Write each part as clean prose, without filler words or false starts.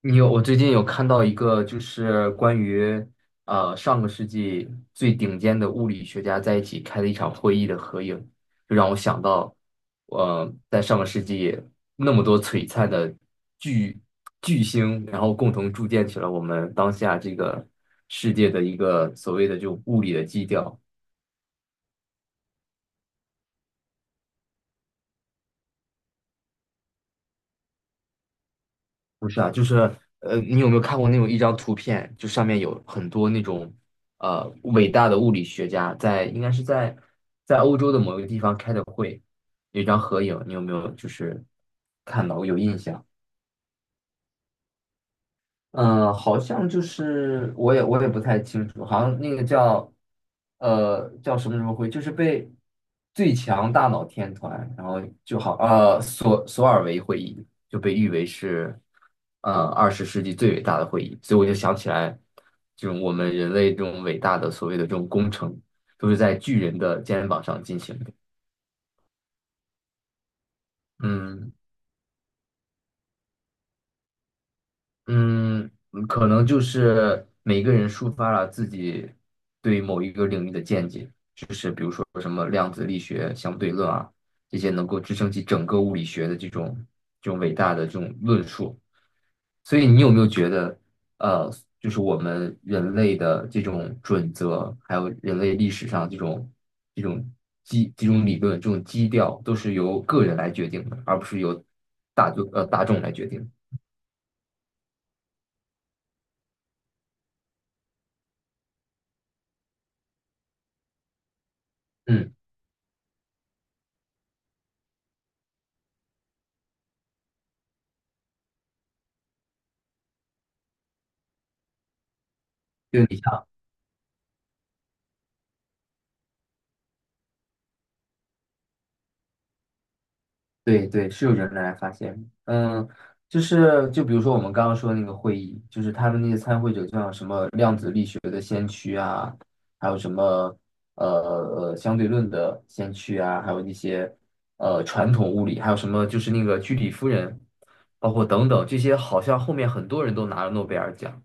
你有，我最近有看到一个，就是关于上个世纪最顶尖的物理学家在一起开的一场会议的合影，就让我想到。在上个世纪那么多璀璨的巨巨星，然后共同铸建起了我们当下这个世界的一个所谓的就物理的基调。不是啊，就是你有没有看过那种一张图片，就上面有很多那种伟大的物理学家在，应该是在欧洲的某一个地方开的会，有一张合影，你有没有就是看到有印象？嗯，好像就是我也不太清楚，好像那个叫叫什么什么会，就是被最强大脑天团，然后就好索尔维会议就被誉为是20世纪最伟大的会议，所以我就想起来，这种我们人类这种伟大的所谓的这种工程，都是在巨人的肩膀上进行的。嗯。嗯。可能就是每个人抒发了自己对某一个领域的见解，就是比如说什么量子力学、相对论啊，这些能够支撑起整个物理学的这种伟大的这种论述。所以你有没有觉得？呃，就是我们人类的这种准则，还有人类历史上这种这种理论、这种基调，都是由个人来决定的，而不是由大众来决定的。嗯，就你像。对对，是有人来发现。嗯，就是就比如说我们刚刚说的那个会议，就是他们那些参会者，像什么量子力学的，还有什么呃相对论的先驱啊，还有那些传统物理，还有什么就是那个居里夫人，包括等等这些，好像后面很多人都拿了诺贝尔奖，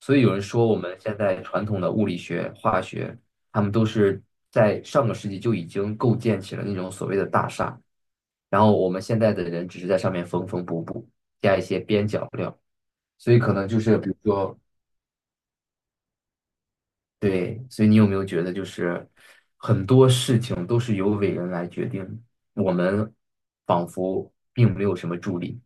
所以有人说我们现在传统的物理学、化学，他们都是在上个世纪就已经构建起了那种所谓的大厦。然后我们现在的人只是在上面缝缝补补，加一些边角料，所以可能就是比如说。对，所以你有没有觉得就是很多事情都是由伟人来决定的？我们仿佛并没有什么助力。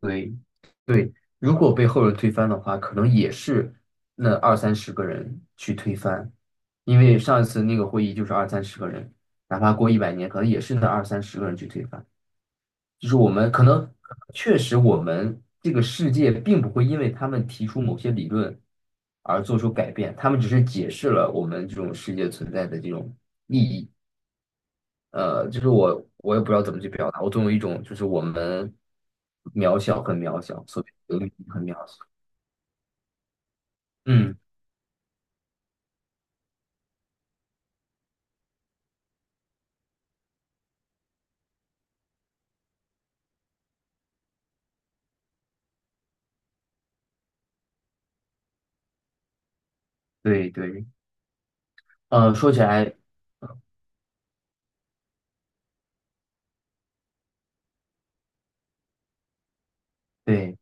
对对，如果被后人推翻的话，可能也是那二三十个人去推翻，因为上一次那个会议就是二三十个人，哪怕过100年，可能也是那二三十个人去推翻。就是我们可能确实我们这个世界并不会因为他们提出某些理论而做出改变，他们只是解释了我们这种世界存在的这种。就是我也不知道怎么去表达，我总有一种就是我们渺小很渺小，所以很渺小。嗯。对对。说起来。对。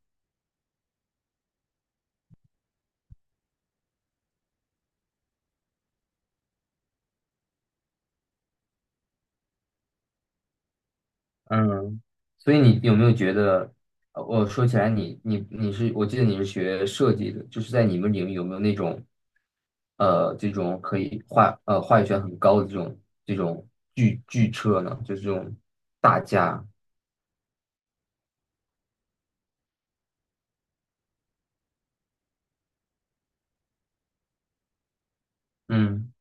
嗯，所以你有没有觉得？我说起来你，你是，我记得你是学设计的，就是在你们领域有没有那种？这种可以话语权很高的这种巨车呢？就是这种大家。嗯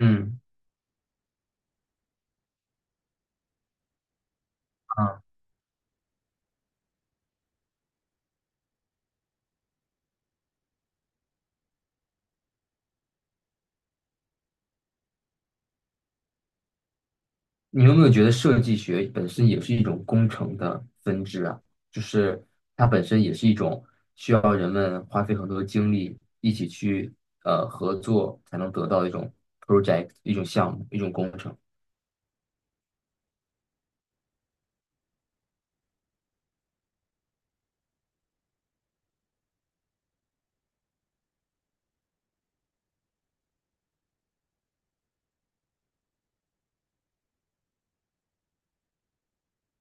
嗯。你有没有觉得设计学本身也是一种工程的分支啊？就是它本身也是一种需要人们花费很多的精力一起去合作才能得到的一种 project、一种项目、一种工程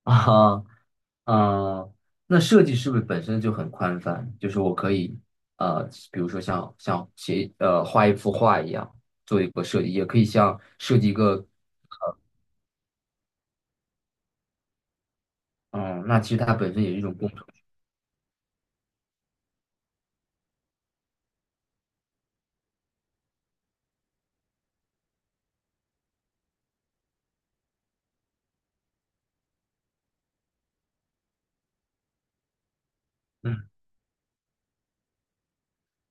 啊。嗯，那设计是不是本身就很宽泛？就是我可以呃，比如说像写画一幅画一样做一个设计，也可以像设计一个。嗯，那其实它本身也是一种工程。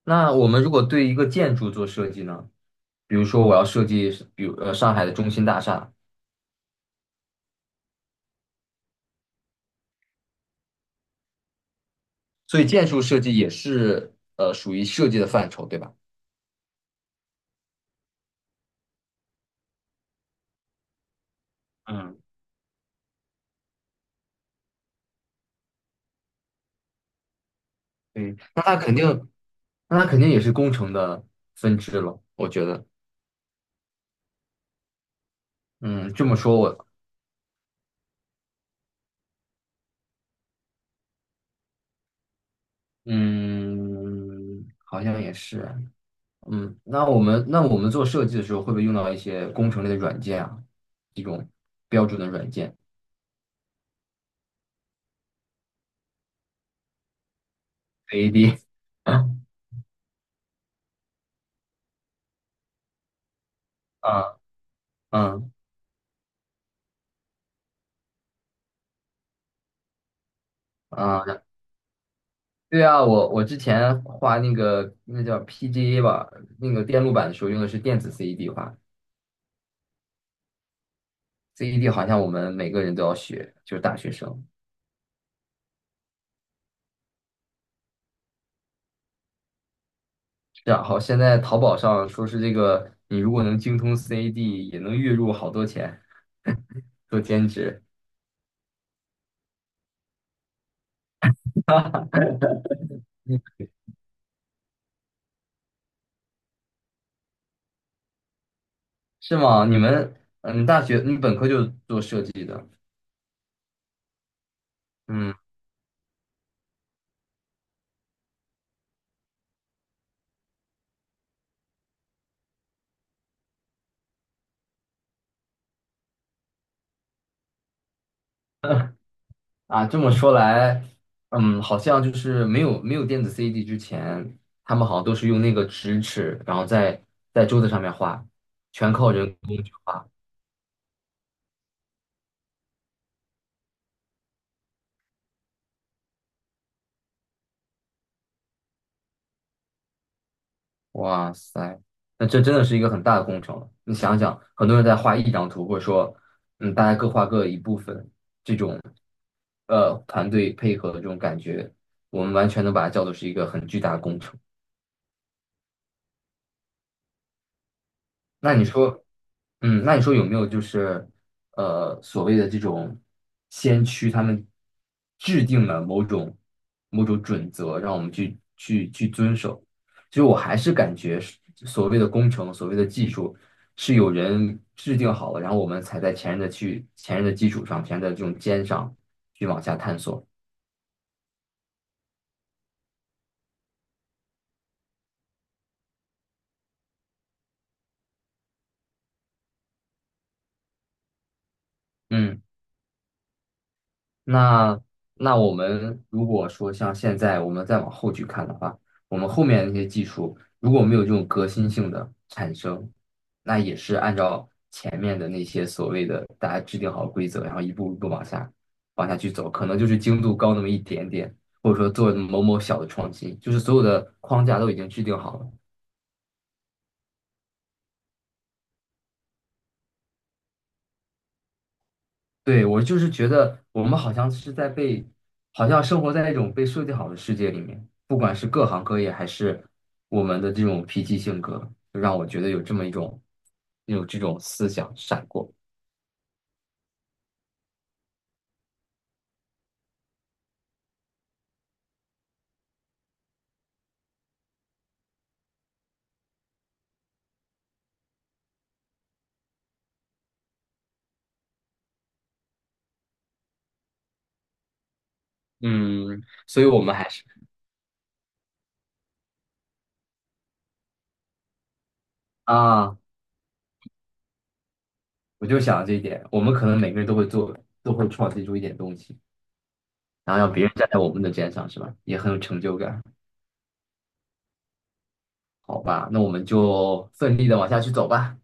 那我们如果对一个建筑做设计呢？比如说我要设计，比如上海的中心大厦，所以建筑设计也是属于设计的范畴，对吧？嗯，对，那它肯定也是工程的分支了，我觉得。嗯，这么说我。嗯，好像也是。嗯，那我们做设计的时候，会不会用到一些工程类的软件啊？这种标准的软件 a d 啊。嗯嗯对啊，我之前画那个那叫 PGA 吧，那个电路板的时候用的是电子 CED 画，CED 好像我们每个人都要学，就是大学生。然后现在淘宝上说是这个，你如果能精通 CAD 也能月入好多钱，做兼职是吗？你们。嗯，大学你本科就做设计的。嗯。啊，这么说来。好像就是没有电子 CD a D 之前，他们好像都是用那个直尺，然后在桌子上面画，全靠人工。哇塞，那这真的是一个很大的工程了。你想想，很多人在画一张图，或者说。大家各画各一部分，这种团队配合的这种感觉，我们完全能把它叫做是一个很巨大的工程。那你说。有没有就是所谓的这种先驱，他们制定了某种某种准则，让我们去遵守？其实我还是感觉是所谓的工程，所谓的技术，是有人制定好了，然后我们才在前人的基础上，前人的这种肩上去往下探索。嗯。那那我们如果说像现在我们再往后去看的话，我们后面那些技术如果没有这种革新性的产生，那也是按照前面的那些所谓的大家制定好规则，然后一步一步往下去走，可能就是精度高那么一点点，或者说做某某小的创新，就是所有的框架都已经制定好了。对，我就是觉得我们好像是在被，好像生活在一种被设计好的世界里面，不管是各行各业，还是我们的这种脾气性格，就让我觉得有这么一种，有这种思想闪过。嗯，所以我们还是。啊，我就想这一点，我们可能每个人都会做，都会创新出一点东西，然后让别人站在我们的肩上，是吧？也很有成就感。好吧，那我们就奋力的往下去走吧。